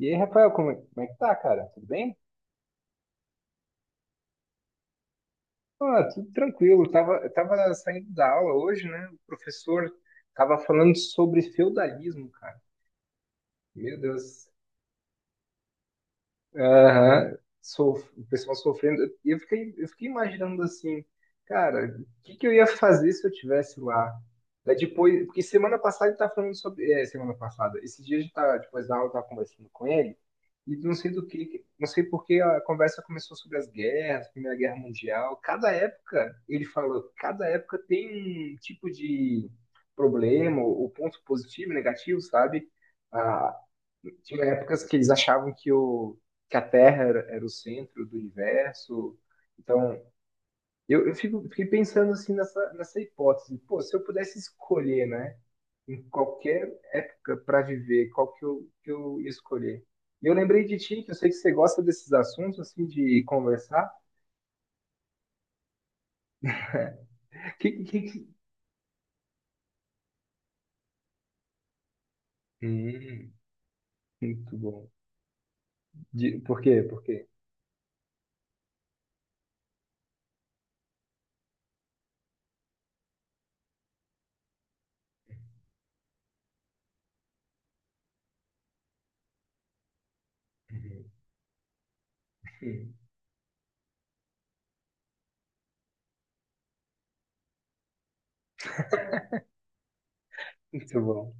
E aí, Rafael, como é que tá, cara? Tudo bem? Ah, tudo tranquilo. Eu tava saindo da aula hoje, né? O professor tava falando sobre feudalismo, cara. Meu Deus, aham, o pessoal sofrendo. E eu fiquei imaginando assim, cara, que eu ia fazer se eu tivesse lá? Daí depois, porque semana passada ele tá falando sobre. É, semana passada. Esses dias a gente tá, depois da aula, eu tava conversando com ele, e não sei do que, não sei por que a conversa começou sobre as guerras, Primeira Guerra Mundial. Cada época, ele falou, cada época tem um tipo de problema, ou ponto positivo, negativo, sabe? Ah, tinha épocas que eles achavam que o que a Terra era, era o centro do universo. Então, fiquei pensando assim nessa hipótese. Pô, se eu pudesse escolher, né, em qualquer época para viver, que eu ia escolher? E eu lembrei de ti, que eu sei que você gosta desses assuntos, assim, de conversar. Que... Hum, muito bom. De, por quê? Por quê? Uhum. Hum, muito bom.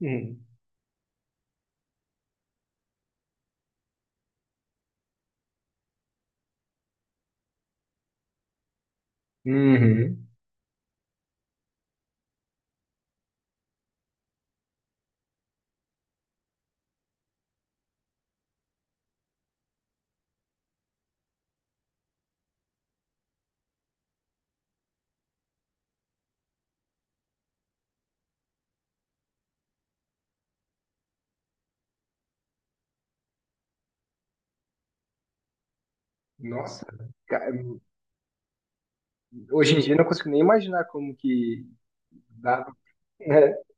Uhum. Uhum. Nossa, ca- hoje em dia eu não consigo nem imaginar como que dava.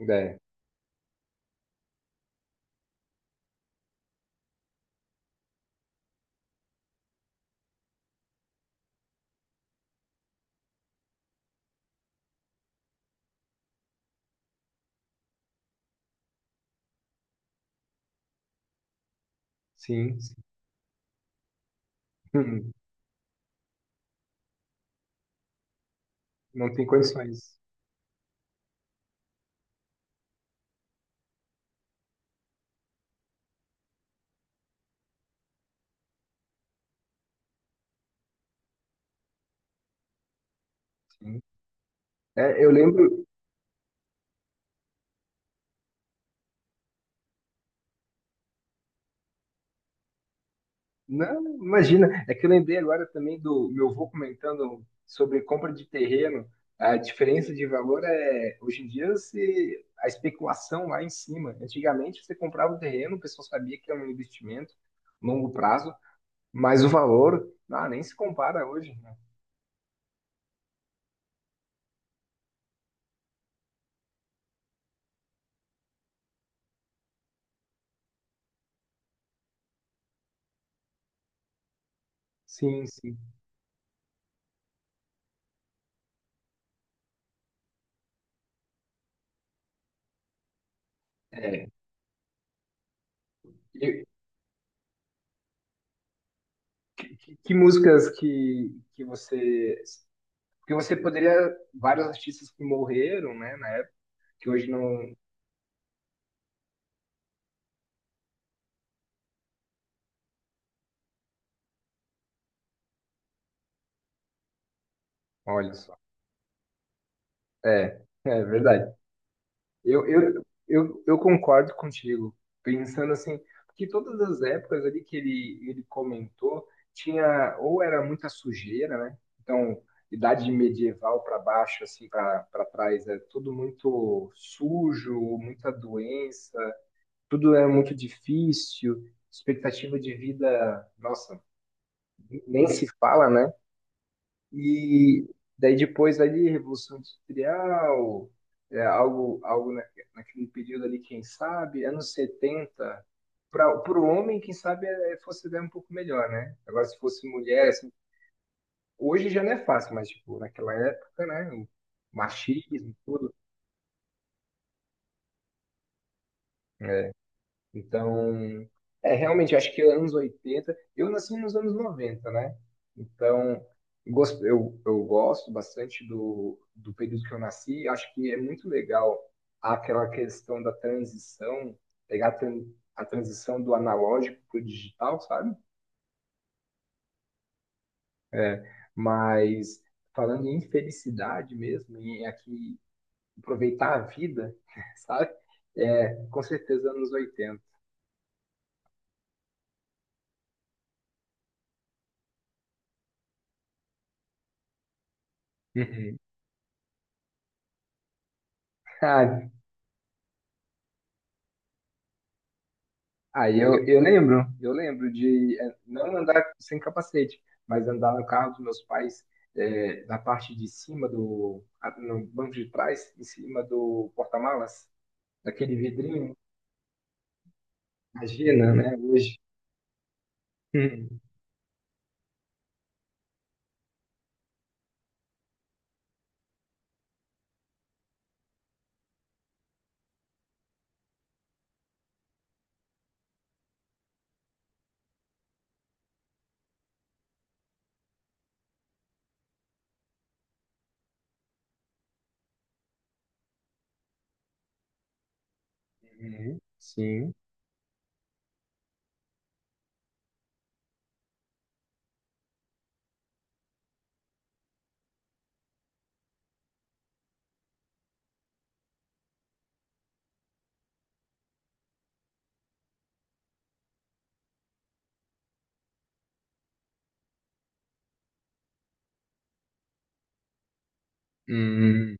É, sim, sim. Não tem condições. Sim. É, eu lembro. Não, imagina. É que eu lembrei agora também do meu avô comentando sobre compra de terreno. A diferença de valor é. Hoje em dia, se, a especulação lá em cima. Antigamente, você comprava o terreno, o pessoal sabia que era um investimento, longo prazo, mas o valor, ah, nem se compara hoje. Né? Sim, sim. E, que músicas que você... Porque você poderia, vários artistas que morreram, né, na época, que hoje não. Olha só. É, é verdade. Eu concordo contigo, pensando assim, que todas as épocas ali que ele comentou, tinha, ou era muita sujeira, né? Então, idade medieval para baixo, assim, para trás, é tudo muito sujo, muita doença, tudo é muito difícil, expectativa de vida, nossa, nem se fala, né? E daí depois ali, Revolução Industrial, é, algo naquele período ali, quem sabe, anos 70 para o homem, quem sabe, é, fosse até um pouco melhor, né? Agora, se fosse mulher, assim, hoje já não é fácil, mas, tipo, naquela época, né? O machismo, tudo. Né? Então, é, realmente, eu acho que anos oitenta... Eu nasci nos anos noventa, né? Então, eu gosto bastante do período que eu nasci, acho que é muito legal aquela questão da transição, pegar a, tran- a transição do analógico para o digital, sabe? É, mas falando em felicidade mesmo, e aqui aproveitar a vida, sabe? É, com certeza anos oitenta... Uhum. Ah, aí eu lembro de, é, não andar sem capacete, mas andar no carro dos meus pais, é, na parte de cima do, no banco de trás, em cima do porta-malas, daquele vidrinho. Imagina, né, hoje. Uhum. Uhum. Sim. Hum,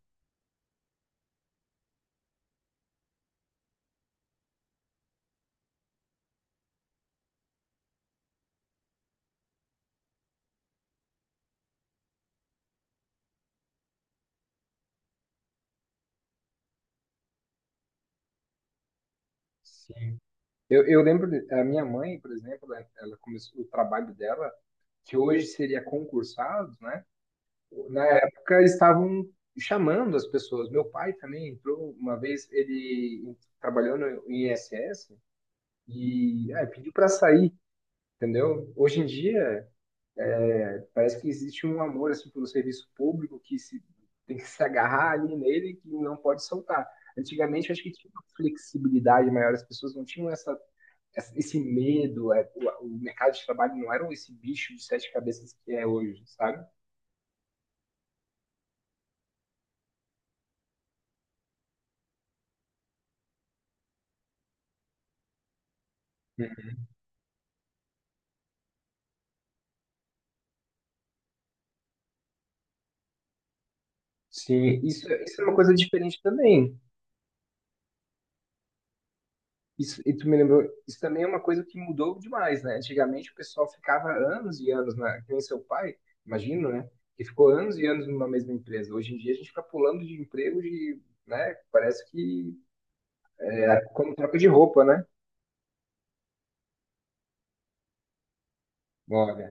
sim. A minha mãe, por exemplo, né, ela começou o trabalho dela, que hoje seria concursado, né? Na época estavam chamando as pessoas. Meu pai também entrou uma vez, ele trabalhou no INSS e, ah, pediu para sair, entendeu? Hoje em dia parece que existe um amor assim pelo serviço público que se tem que se agarrar ali nele, que não pode soltar. Antigamente eu acho que tinha uma flexibilidade maior, as pessoas não tinham essa esse medo, é, o mercado de trabalho não era esse bicho de sete cabeças que é hoje, sabe? Sim, isso é uma coisa diferente também. Isso, e tu me lembrou, isso também é uma coisa que mudou demais, né? Antigamente o pessoal ficava anos e anos, né? Que nem seu pai, imagino, né? Que ficou anos e anos numa mesma empresa. Hoje em dia a gente fica pulando de emprego, de, né? Parece que é como troca de roupa, né? Olha,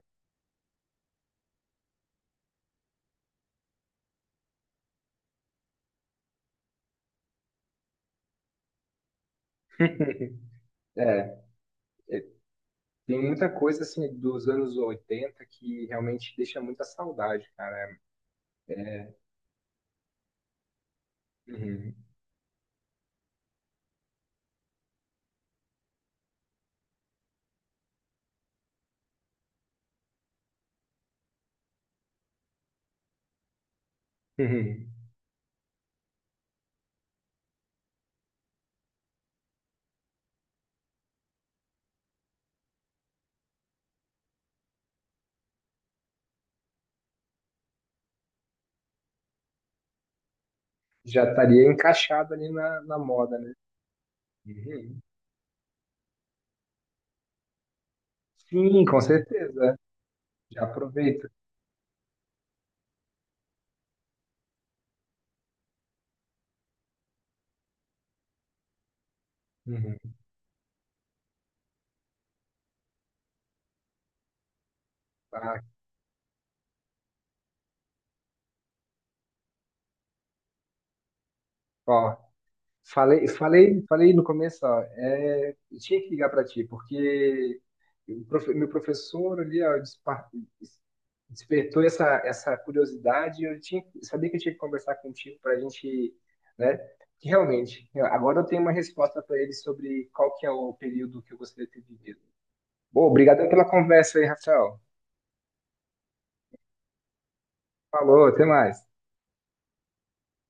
é, tem muita coisa assim dos anos oitenta que realmente deixa muita saudade, cara. Uhum, uhum. Já estaria encaixado ali na moda, né? Uhum. Sim, com certeza. Já aproveita. Uhum. Ah, ó, Falei no começo, ó, é, eu tinha que ligar para ti, porque o meu professor ali, ó, despertou essa curiosidade. E eu tinha, sabia que eu tinha que conversar contigo, para a gente, né? Que realmente, agora eu tenho uma resposta para ele sobre qual que é o período que eu gostaria de ter vivido. Bom, obrigado pela conversa aí, Rafael. Falou, até mais.